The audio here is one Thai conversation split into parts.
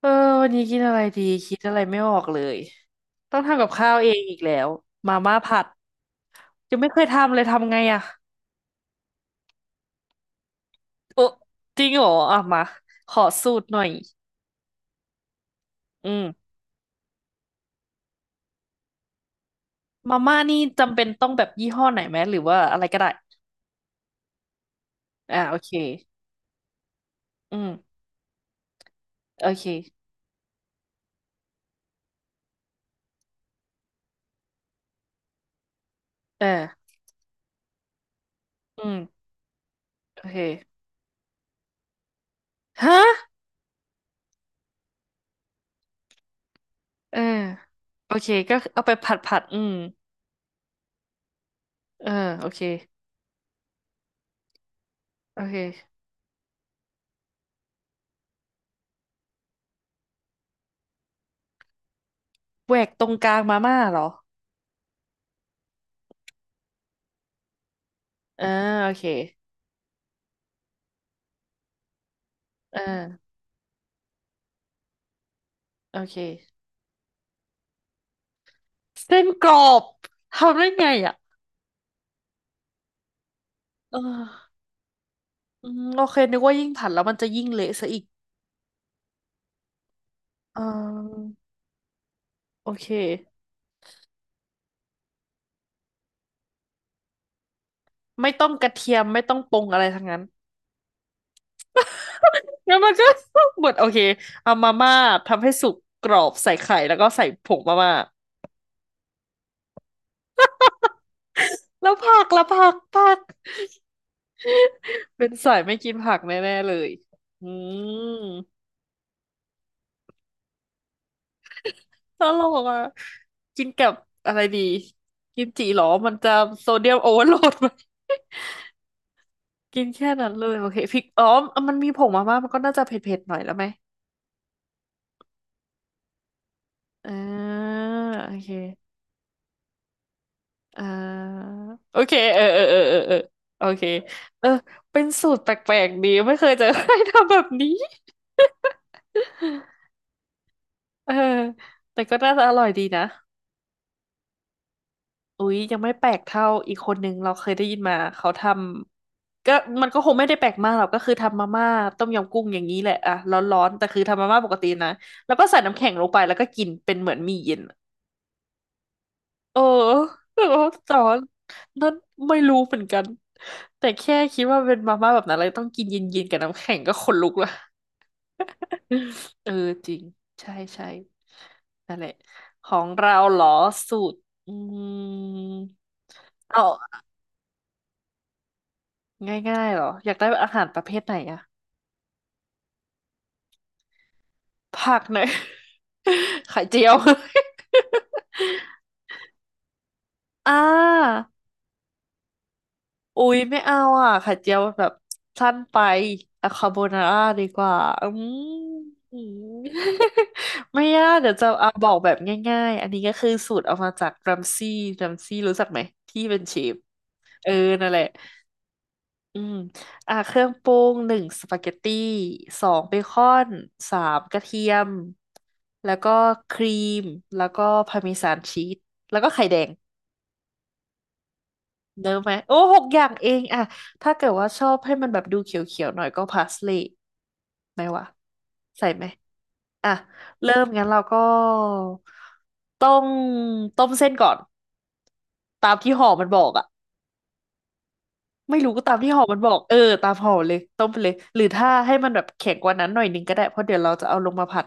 เออวันนี้กินอะไรดีคิดอะไรไม่ออกเลยต้องทำกับข้าวเองอีกแล้วมาม่าผัดยังไม่เคยทำเลยทำไงอะโอ้จริงเหรออ่ะมาขอสูตรหน่อยอืมมาม่านี่จำเป็นต้องแบบยี่ห้อไหนไหมหรือว่าอะไรก็ได้อ่าโอเคอืมโอเคเอออืมโอเคฮะเออโอเคก็เอาไปผัดผัดอืมเออโอเคโอเคแหวกตรงกลางมาม่าเหรออ่าโอเคเออโอเค เส้นกรอบทำได้ไงอ่ะเอออืมโอเคนึกว่ายิ่งผัดแล้วมันจะยิ่งเละซะอีกเออโอเคไม่ต้องกระเทียมไม่ต้องปรุงอะไรทั้งนั้นแล้วมันก็ หมดโอเคเอามาม่าทำให้สุกกรอบใส่ไข่แล้วก็ใส่ผงมาม่าแล้วผักและผักผักเป็นสายไม่กินผักแน่ๆเลย อืมตลกอ่ะกินกับอะไรดีกิมจิเหรอมันจะโซเดียมโอเวอร์โหลดไหม กินแค่นั้นเลยโอเคพริกอ๋อมันมีผงมาม่ามันก็น่าจะเผ็ดๆหน่อยแล้วไหมอ่าโอเคอ่าโอเคเออเออเออเออเออโอเคเออเป็นสูตรแปลกๆดีไม่เคยเจอใครทำแบบนี้ เออแต่ก็น่าจะอร่อยดีนะ อุ๊ยยังไม่แปลกเท่าอีกคนนึงเราเคยได้ยินมาเขาทำก็มันก็คงไม่ได้แปลกมากหรอกก็คือทำมาม่าต้มยำกุ้งอย่างนี้แหละอะร้อนๆแต่คือทำมาม่าปกตินะแล้วก็ใส่น้ำแข็งลงไปแล้วก็กินเป็นเหมือนหมี่เย็นอะเออแล้วก็สอนนั่นไม่รู้เหมือนกันแต่แค่คิดว่าเป็นมาม่าแบบนั้นเลยต้องกินเย็นๆกับน้ำแข็งก็ขนลุกละ เออจริงใช่ใช่นั่นแหละของเราเหรอสูตรอืมเอา ง่ายๆเหรออยากได้อาหารประเภทไหนอะผักหน่อย ไข่เจียว อ่าอุ๊ยไม่เอาอ่ะไข่เจียวแบบสั้นไปอะคาโบนาร่าดีกว่าอืม ไม่ยากเดี๋ยวจะเอาบอกแบบง่ายๆอันนี้ก็คือสูตรเอามาจากรัมซี่รัมซี่รู้จักไหมที่เป็นเชฟเออนั่นแหละ อืมอ่าเครื่องปรุงหนึ่งสปาเกตตี้สองเบคอนสามกระเทียมแล้วก็ครีมแล้วก็พาร์เมซานชีสแล้วก็ไข่แดงเนอะไหมโอ้หกอย่างเองอ่ะถ้าเกิดว่าชอบให้มันแบบดูเขียวๆหน่อยก็พาสลีย์ไหมวะใส่ไหมอ่ะเริ่มงั้นเราก็ต้องต้มเส้นก่อนตามที่ห่อมันบอกอ่ะ ไม่รู้ก็ตามที่หอมันบอก เออ ตามหอเลยต้มไปเลย หรือถ้าให้มันแบบแข็งกว่านั้นหน่อยหนึงก็ได้ เพราะเดี๋ยวเราจะเอาลงมาผัด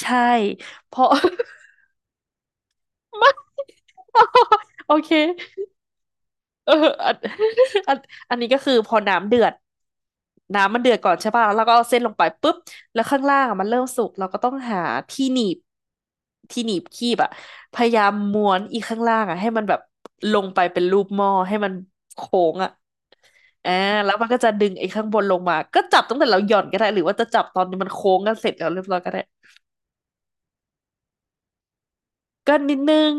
ใช่ เพราะ ไม่โอเค เอออันอันอันนี้ก็คือพอน้ำเดือดน้ำมันเดือดก่อนใช่ป่ะแล้วเราก็เอาเส้นลงไปปุ๊บแล้วข้างล่างอะมันเริ่มสุกเราก็ต้องหาที่หนีบที่หนีบคีบอะพยายามม้วนอีข้างล่างอะให้มันแบบลงไปเป็นรูปหม้อให้มันโค้งอะอ่าแล้วมันก็จะดึงไอ้ข้างบนลงมาก็จับตั้งแต่เราหย่อนก็ได้หรือว่าจะจับตอนนี้มันโค้งกันเสร็จแล้วเรียบร้อยก็ได้ ก็นิดนึง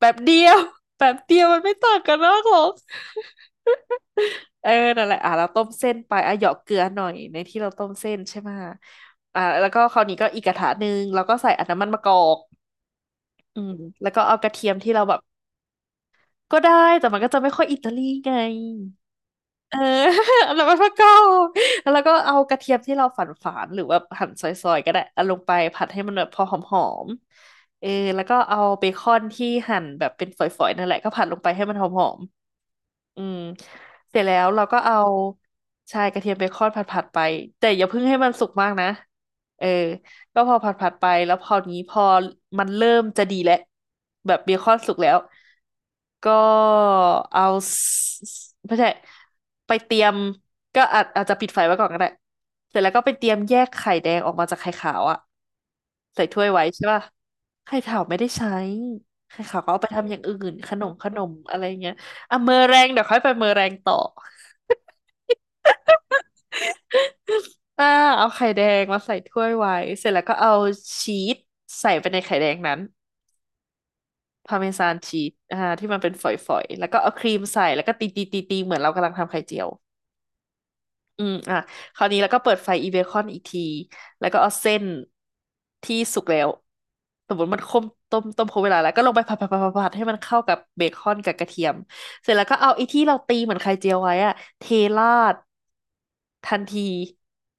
แบบเดียว แบบเดียวมันไม่ต่างกันมากหรอก เออนั่นแหละอ่ะเราต้มเส้นไปอ่ะเหยาะเกลือหน่อยในที่เราต้มเส้นใช่ไหมอ่ะแล้วก็คราวนี้ก็อีกกระทะหนึ่งแล้วก็ใส่อันน้ำมันมะกอกอืมแล้วก็เอากระเทียมที่เราแบบก็ได้แต่มันก็จะไม่ค่อยอิตาลีไง เออ แล้วมันก็เกาแล้วก็เอากระเทียมที่เราฝานฝานหรือว่าหั่นซอยๆก็ได้เอาลงไปผัดให้มันแบบพอหอมๆเออแล้วก็เอาเบคอนที่หั่นแบบเป็นฝอยๆนั่นแหละก็ผัดลงไปให้มันหอมๆอืมเสร็จแล้วเราก็เอาใช่กระเทียมเบคอนผัดๆไปแต่อย่าเพิ่งให้มันสุกมากนะเออก็พอผัดผัดไปแล้วพอนี้พอมันเริ่มจะดีแล้วแบบเบคอนสุกแล้ว ก็เอาสไม่ใช่ไปเตรียมก็อาจจะปิดไฟไว้ก่อนก็ได้เสร็จแล้วก็ไปเตรียมแยกไข่แดงออกมาจากไข่ขาวอะใส่ถ้วยไว้ใช่ป่ะไข่ขาวไม่ได้ใช้ไข่ขาวก็เอาไปทำอย่างอื่นขนมอะไรเงี้ยอ่ะเมอแรงเดี๋ยวค่อยไปเมอแรงต่อ อ่าเอาไข่แดงมาใส่ถ้วยไว้เสร็จแล้วก็เอาชีสใส่ไปในไข่แดงนั้นพาร์เมซานชีสอ่าที่มันเป็นฝอยๆแล้วก็เอาครีมใส่แล้วก็ตีตีตีตีเหมือนเรากำลังทำไข่เจียว อืมอ่ะคราวนี้แล้วก็เปิดไฟอีเบคอนอีกทีแล้วก็เอาเส้นที่สุกแล้วสมมติมันต้มต้มครบเวลาแล้วก็ลงไปผัดให้มันเข้ากับเบคอนกับกระเทียมเสร็จแล้วก็เอาไอ้ที่เราตีเหมือนไข่เจียวไว้อะเทราดทันที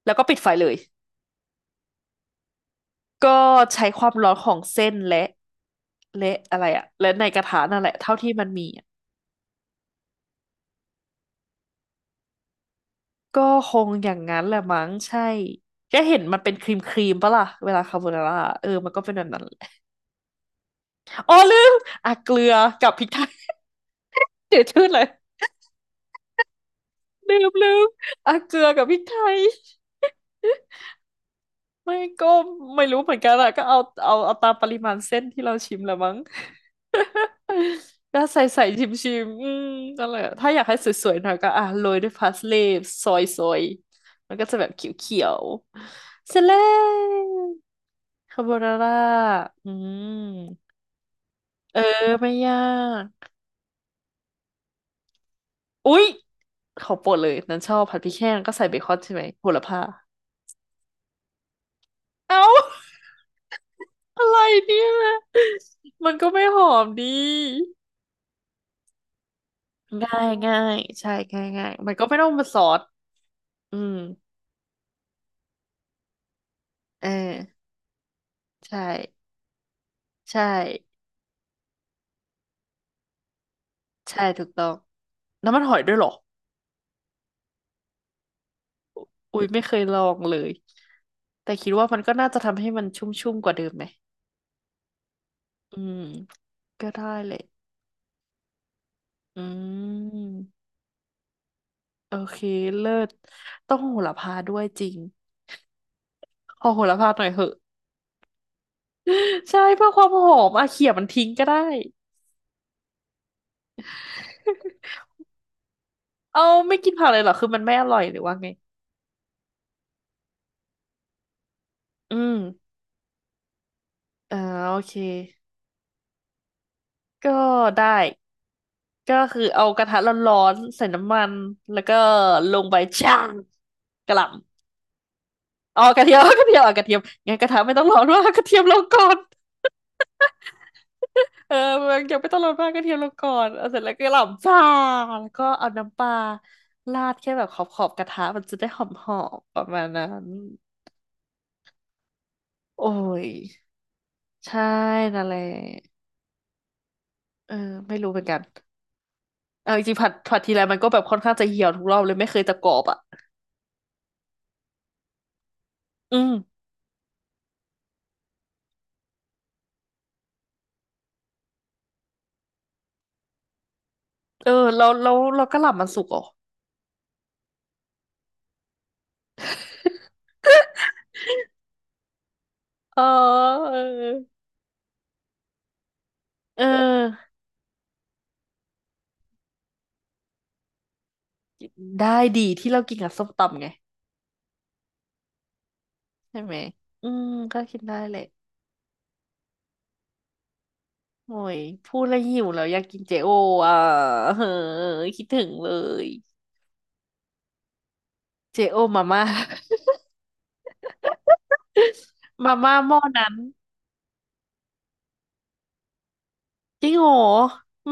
แล้วก็ปิดไฟเลยก็ใช้ความร้อนของเส้นและอะไรอะและในกระทะนั่นแหละเท่าที่มันมีอะก็คงอย่างนั้นแหละมั้งใช่ก็เห็นมันเป็นครีมปะล่ะเวลาคาโบนาร่าเออมันก็เป็นแบบนั้น อ๋อลืมอ่ะเกลือกับพริกไทยเสียวชื่อเลยลืมอ่ะเกลือกับพริกไทยไม่ก็ไม่รู้เหมือนกันอะก็เอาเอาตามปริมาณเส้นที่เราชิมละมั้งก็ใส่ชิมชิมอืมนั่นแหละถ้าอยากให้สวยๆหน่อยก็อ่ะโรยด้วยพาสลีย์ซอยซอยมันก็จะแบบเขียวๆเสร็จแล้วคาโบนาร่าอืมเออไม่ยากอุ๊ยขอโปรดเลยนั้นชอบผัดพริกแห้งก็ใส่เบคอนใช่ไหมโหระพา เอ้า อะไรเนี่ยมันก็ไม่หอมดีง่ายง่ายใช่ง่ายง่ายมันก็ไม่ต้องมาซอสอืมเออใช่ใช่ใช่ถูกต้องน้ำมันหอยด้วยเหรออุ้ยไม่เคยลองเลยแต่คิดว่ามันก็น่าจะทำให้มันชุ่มๆกว่าเดิมไหมอืมก็ได้เลยอืมโอเคเลิศต้องโหระพาด้วยจริงขอโหระพาหน่อยเหอะ ใช่เพื่อความหอมอ่ะเขี่ยมันทิ้งก็ได้ เอาไม่กินผักเลยเหรอคือมันไม่อร่อยหรือว่าไงอืมอ่าโอเคก็ได้ก็คือเอากระทะร้อนๆใส่น้ำมันแล้วก็ลงไปช่างกะหล่ำอ๋อกระเทียม กระเทียมอ่ะกระเทียมงั้นกระทะไม่ต้องร้อนมาก กระเทียมลงก่อน เออมันยังไม่ต้องลดมากกระเทียมลงก่อนเอาเสร็จแล้วก็หล่ำจ่าแล้วก็เอาน้ำปลาราดแค่แบบขอบขอบกระทะมันจะได้หอมหอมประมาณนั้นโอ้ยใช่นั่นแหละเออไม่รู้เหมือนกัน เอาจริงๆผัดทีไรมันก็แบบค่อนข้างจะเหี่ยวทุกรอบเลยไม่เคยจะกรอบอ่ะอืมเออแล้วแล้วเราก็หลับมันสุกเหรอเออ เออได้ดีที่เรากินกับส้มตำไงใช่ไหม อืมก็กินได้แหละโอ้ยพูดแล้วหิวแล้วอยากกินเจโออ่ะ เฮ้ยคิดถึงเลยเจโอมาม่า มาม่าหม้อนั้นจริงโหรอ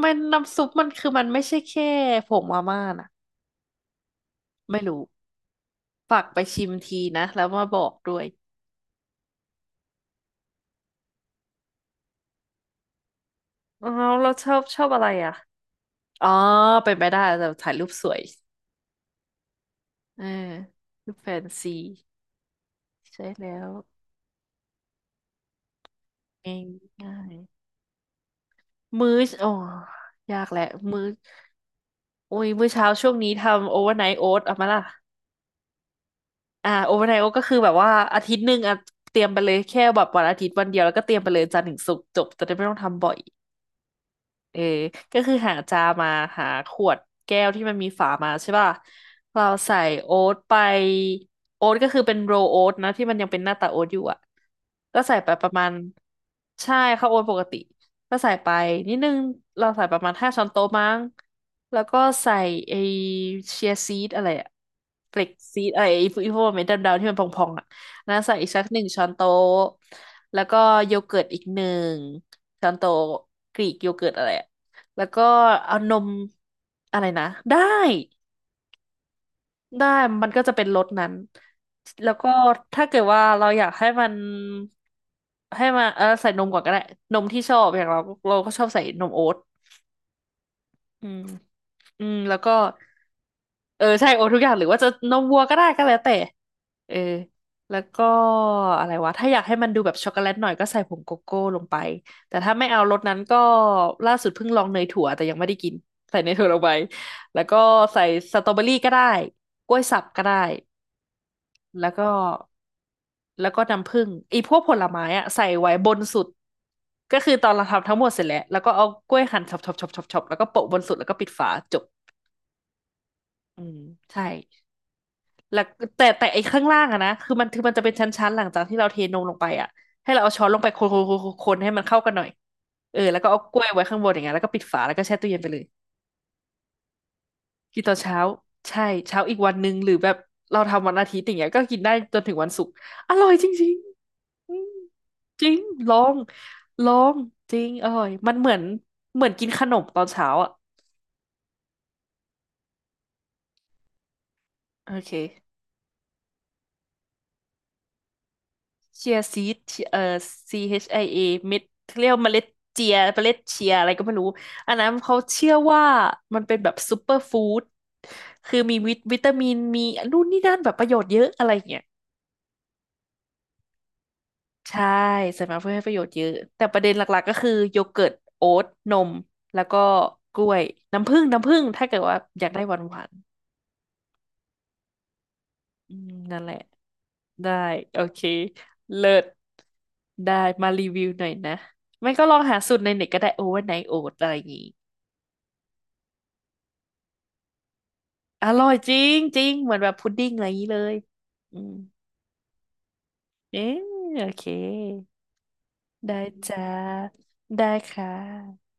มันน้ำซุปมันคือมันไม่ใช่แค่ผงมาม่านะไม่รู้ฝากไปชิมทีนะแล้วมาบอกด้วย อ๋อเราชอบอะไรอ่ะอ๋อเป็นไปได้แต่ถ่ายรูปสวยเออรูปแฟนซีใช่แล้วง่ายง่ายมื้อโอ้ยากแหละมื้อโอ้ยมื้อเช้าช่วงนี้ทำโอเวอร์ไนท์โอ๊ตเอามาล่ะอ่าโอเวอร์ไนท์โอ๊ตก็คือแบบว่าอาทิตย์หนึ่งอ่ะเตรียมไปเลยแค่แบบวันอาทิตย์วันเดียวแล้วก็เตรียมไปเลยจันทร์ถึงศุกร์จบจะได้ไม่ต้องทำบ่อย เออก็คือหาจามาหาขวดแก้วที่มันมีฝามาใช่ป่ะเราใส่โอ๊ตไปโอ๊ตก็คือเป็นโรลโอ๊ตนะที่มันยังเป็นหน้าตาโอ๊ตอยู่อ่ะก็ใส่ไปประมาณใช่ข้าวโอ๊ตปกติก็ใส่ไปนิดนึงเราใส่ประมาณ5 ช้อนโต๊ะมั้งแล้วก็ใส่ไอเชียร์ซีดอะไรอะเฟล็กซีดอะไรไอพวกเม็ดดำๆที่มันพองๆอะ น้ำใส่อีกสัก1 ช้อนโต๊ะแล้วก็โยเกิร์ตอีกหนึ่งช้อนโต๊ะกรีกโยเกิร์ตอะไรอะแล้วก็เอานมอะไรนะได้ได้มันก็จะเป็นรสนั้นแล้วก็ถ้าเกิดว่าเราอยากให้มันเออใส่นมก่อนก็ได้นมที่ชอบอย่างเราเราก็ชอบใส่นมโอ๊ตอืมอืมแล้วก็ เออใช่โอตทุกอย่างหรือว่าจะนมวัวก็ได้ก็แล้วแต่เออแล้วก็อะไรวะถ้าอยากให้มันดูแบบช็อกโกแลตหน่อยก็ใส่ผงโกโก้ลงไปแต่ถ้าไม่เอารสนั้นก็ล่าสุดเพิ่งลองเนยถั่วแต่ยังไม่ได้กินใส่เนยถั่วลงไปแล้วก็ใส่สตรอเบอรี่ก็ได้กล้วยสับก็ได้แล้วก็แล้วก็น้ำผึ้งอีพวกผลไม้อะใส่ไว้บนสุดก็คือตอนเราทำทั้งหมดเสร็จแล้วแล้วก็เอากล้วยหั่นช็อปๆๆๆๆแล้วก็โปะบนสุดแล้วก็ปิดฝาจบอืมใช่ แล้วแต่แต่ไอ้ข้างล่างอะนะคือมันจะเป็นชั้นๆหลังจากที่เราเทนมลงไปอะให้เราเอาช้อนลงไปคนๆคนๆๆๆให้มันเข้ากันหน่อยเออแล้วก็เอากล้วยไว้ข้างบนอย่างเงี้ยแล้วก็ปิดฝาแล้วก็แช่ตู้เย็นไปเลยกินตอนเช้าใช่เช้าอีกวันหนึ่งหรือแบบเราทำวันอาทิตย์อย่างเงี้ยก็กินได้จนถึงวันศุกร์อร่อยจริงๆอืมจริงลองลองจริงอร่อยมันเหมือนเหมือนกินขนมตอนเช้าอะโอเค เชียซีดเอ่อ CHIA เอชไอเอเม็ดเรียกว่าเมล็ดเจีย เมล็ดเชียอะไรก็ไม่รู้ อันนั้นเขาเชื่อว่ามันเป็นแบบซูเปอร์ฟู้ดคือมีวิตามิน มีนู่นนี่นั่นแบบประโยชน์เยอะอะไรอย่างเงี้ยใช่ใส่มาเพื่อให้ประโยชน์เยอะ แต่ประเด็นหลักๆก็คือโยเกิร์ต โอ๊ตนม แล้วก็กล้วย น้ำผึ้งถ้าเกิดว่าอยากได้หวานๆอืมนั่นแหละ ได้โอเคเลิศได้มารีวิวหน่อยนะไม่ก็ลองหาสูตรในเน็ตก็ได้โอเวอร์ไนท์โอ๊ตอะไรอย่างงี้อร่อยจริงจริงเหมือนแบบพุดดิ้งอะไรอย่างนี้เลยอืมเอ๊ะโอเคได้จ้าได้ค่ะ